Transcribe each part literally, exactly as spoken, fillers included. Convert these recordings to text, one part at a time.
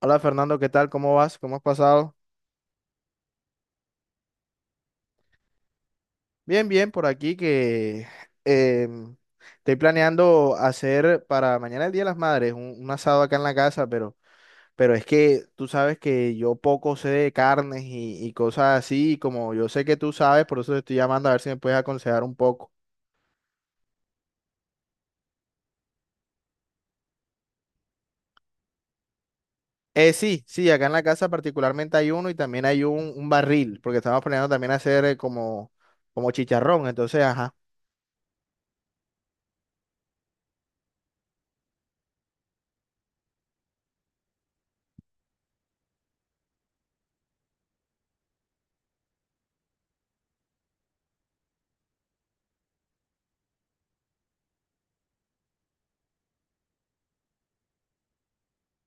Hola Fernando, ¿qué tal? ¿Cómo vas? ¿Cómo has pasado? Bien, bien, por aquí que em, estoy planeando hacer para mañana el Día de las Madres un, un asado acá en la casa, pero, pero es que tú sabes que yo poco sé de carnes y, y cosas así, y como yo sé que tú sabes, por eso te estoy llamando a ver si me puedes aconsejar un poco. Eh, sí, sí, acá en la casa particularmente hay uno y también hay un, un barril, porque estamos planeando también hacer eh, como, como chicharrón, entonces, ajá.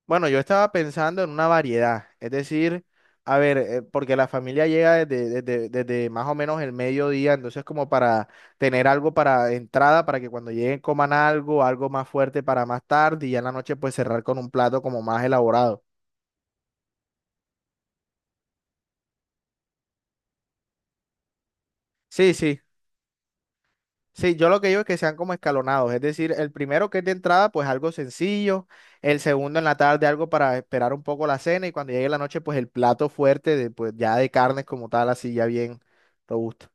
Bueno, yo estaba pensando en una variedad, es decir, a ver, eh, porque la familia llega desde, desde, desde más o menos el mediodía, entonces como para tener algo para entrada, para que cuando lleguen coman algo, algo más fuerte para más tarde y ya en la noche pues cerrar con un plato como más elaborado. Sí, sí, sí, yo lo que digo es que sean como escalonados, es decir, el primero que es de entrada pues algo sencillo, el segundo en la tarde algo para esperar un poco la cena y cuando llegue la noche pues el plato fuerte de, pues ya de carnes como tal, así ya bien robusto.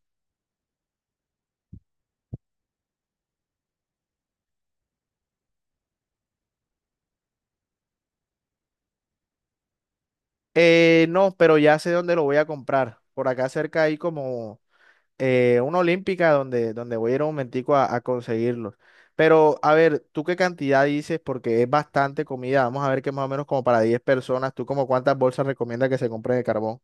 Eh, no, pero ya sé dónde lo voy a comprar. Por acá cerca hay como eh, una olímpica donde, donde voy a ir un momentico a, a conseguirlos. Pero a ver, ¿tú qué cantidad dices? Porque es bastante comida. Vamos a ver que más o menos como para diez personas. ¿Tú como cuántas bolsas recomiendas que se compren de carbón?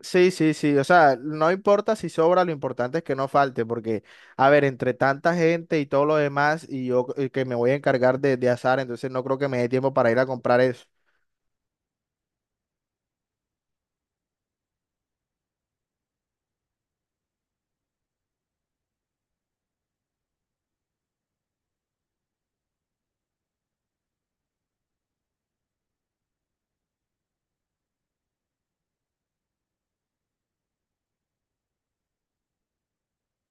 Sí, sí, sí. O sea, no importa si sobra, lo importante es que no falte. Porque, a ver, entre tanta gente y todo lo demás, y yo eh, que me voy a encargar de, de asar, entonces no creo que me dé tiempo para ir a comprar eso.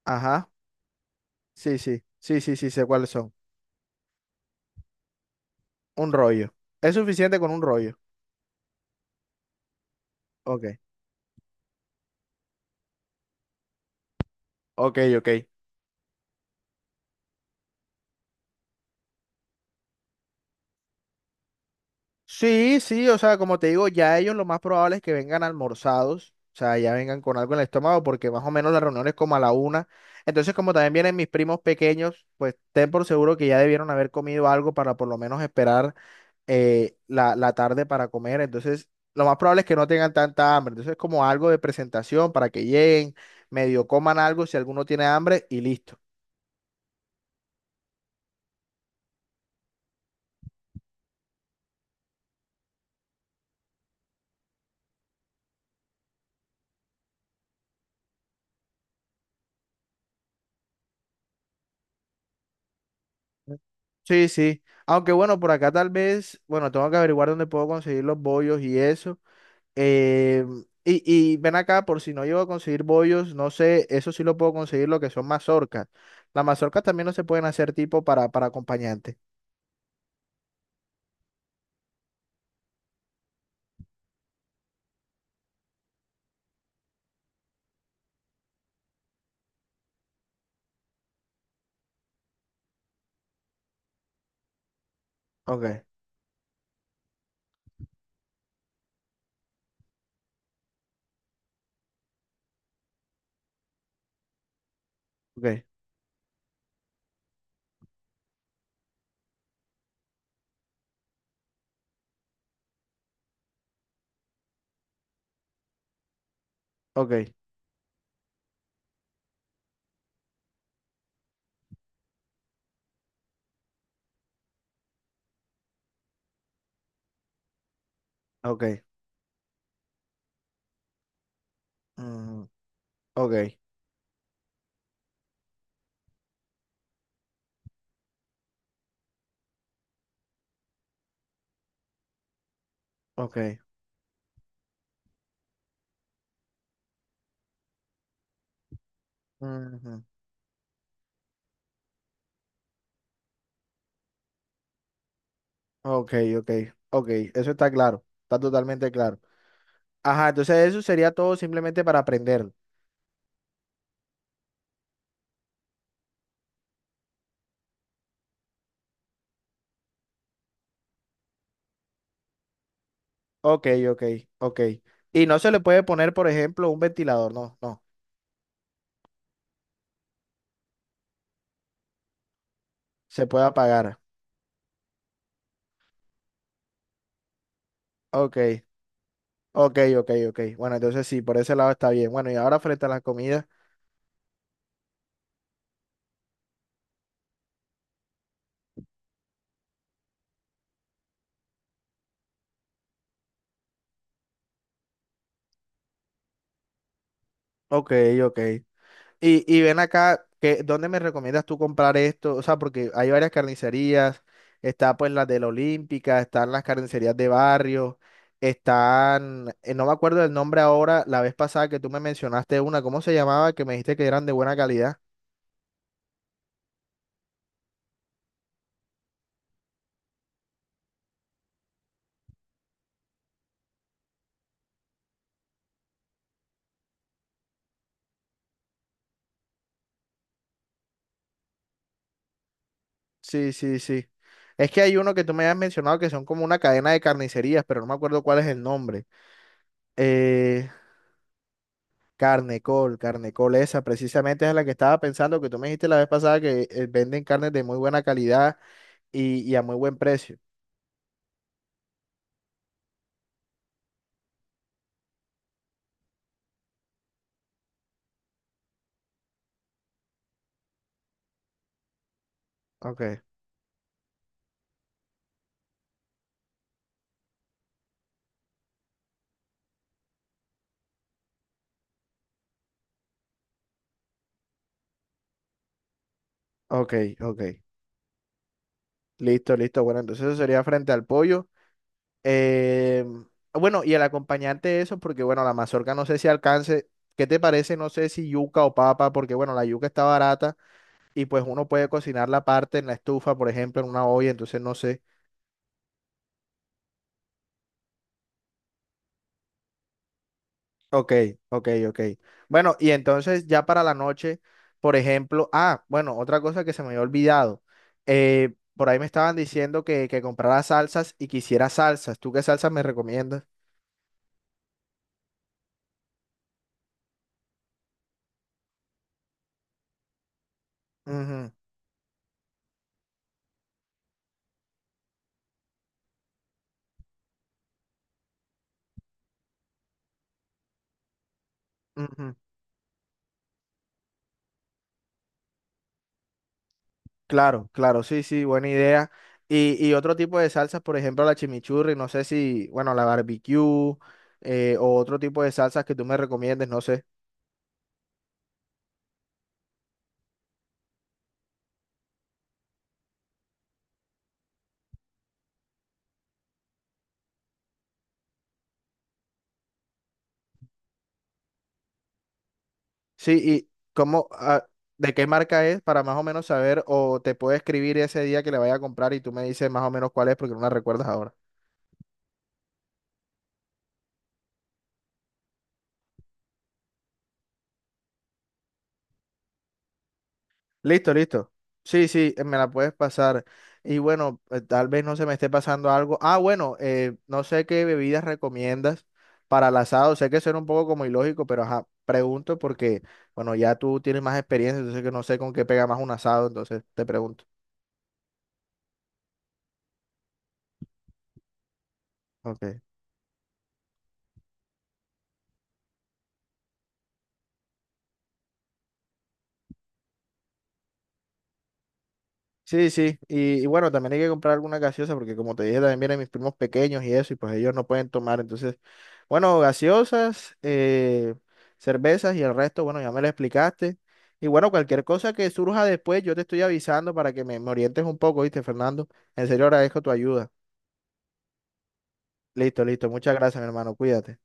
Ajá. Sí, sí. Sí, sí, sí, sé cuáles son. Un rollo. Es suficiente con un rollo. Ok, ok, ok. Sí, sí, o sea, como te digo, ya ellos lo más probable es que vengan almorzados, o sea, ya vengan con algo en el estómago, porque más o menos la reunión es como a la una. Entonces, como también vienen mis primos pequeños, pues ten por seguro que ya debieron haber comido algo para por lo menos esperar eh, la, la tarde para comer. Entonces, lo más probable es que no tengan tanta hambre. Entonces, como algo de presentación para que lleguen, medio coman algo si alguno tiene hambre y listo. Sí, sí. Aunque bueno, por acá tal vez, bueno, tengo que averiguar dónde puedo conseguir los bollos y eso. Eh, y, y ven acá, por si no llego a conseguir bollos, no sé, eso sí lo puedo conseguir, lo que son mazorcas. Las mazorcas también no se pueden hacer tipo para, para acompañante. Ok, ok, ok, ok. Mm, ok, ok. Ujú, ok, ok, ok. Eso está claro, está totalmente claro. Ajá, entonces eso sería todo simplemente para aprender. Ok, ok, ok. Y no se le puede poner, por ejemplo, un ventilador, no, no. Se puede apagar. Ok, ok, ok, ok. Bueno, entonces sí, por ese lado está bien. Bueno, y ahora frente a las comidas. Ok, ok. Y, y ven acá, que, ¿dónde me recomiendas tú comprar esto? O sea, porque hay varias carnicerías. Está pues la de la Olímpica, están las carnicerías de barrio, están, eh, no me acuerdo del nombre ahora, la vez pasada que tú me mencionaste una, ¿cómo se llamaba? Que me dijiste que eran de buena calidad. Sí, sí, sí. Es que hay uno que tú me habías mencionado que son como una cadena de carnicerías, pero no me acuerdo cuál es el nombre. Eh, Carnecol, Carnecol, esa precisamente es la que estaba pensando que tú me dijiste la vez pasada que eh, venden carnes de muy buena calidad y, y a muy buen precio. Ok, ok, ok. Listo, listo. Bueno, entonces eso sería frente al pollo. Eh, bueno, y el acompañante de eso, porque bueno, la mazorca no sé si alcance. ¿Qué te parece? No sé si yuca o papa, porque bueno, la yuca está barata y pues uno puede cocinar la parte en la estufa, por ejemplo, en una olla, entonces no sé. Ok, ok, ok. Bueno, y entonces ya para la noche, por ejemplo, ah, bueno, otra cosa que se me había olvidado. eh, por ahí me estaban diciendo que, que comprara salsas y quisiera salsas. ¿Tú qué salsas me recomiendas? Ujú, ujú. Claro, claro, sí, sí, buena idea. Y, y otro tipo de salsas, por ejemplo, la chimichurri, no sé si, bueno, la barbecue, eh, o otro tipo de salsas que tú me recomiendes, no sé. Sí, y cómo, ah, de qué marca es para más o menos saber, o te puedo escribir ese día que le vaya a comprar y tú me dices más o menos cuál es porque no la recuerdas ahora. Listo, listo. Sí, sí, eh, me la puedes pasar. Y bueno, eh, tal vez no se me esté pasando algo. Ah, bueno, eh, no sé qué bebidas recomiendas para el asado. Sé que suena un poco como ilógico, pero ajá, pregunto porque, bueno, ya tú tienes más experiencia, entonces que no sé con qué pega más un asado, entonces te pregunto. Ok. Sí, sí, y, y bueno, también hay que comprar alguna gaseosa porque como te dije, también vienen mis primos pequeños y eso, y pues ellos no pueden tomar. Entonces, bueno, gaseosas, eh, cervezas y el resto, bueno, ya me lo explicaste. Y bueno, cualquier cosa que surja después, yo te estoy avisando para que me, me orientes un poco, ¿viste, Fernando? En serio, agradezco tu ayuda. Listo, listo, muchas gracias, mi hermano, cuídate.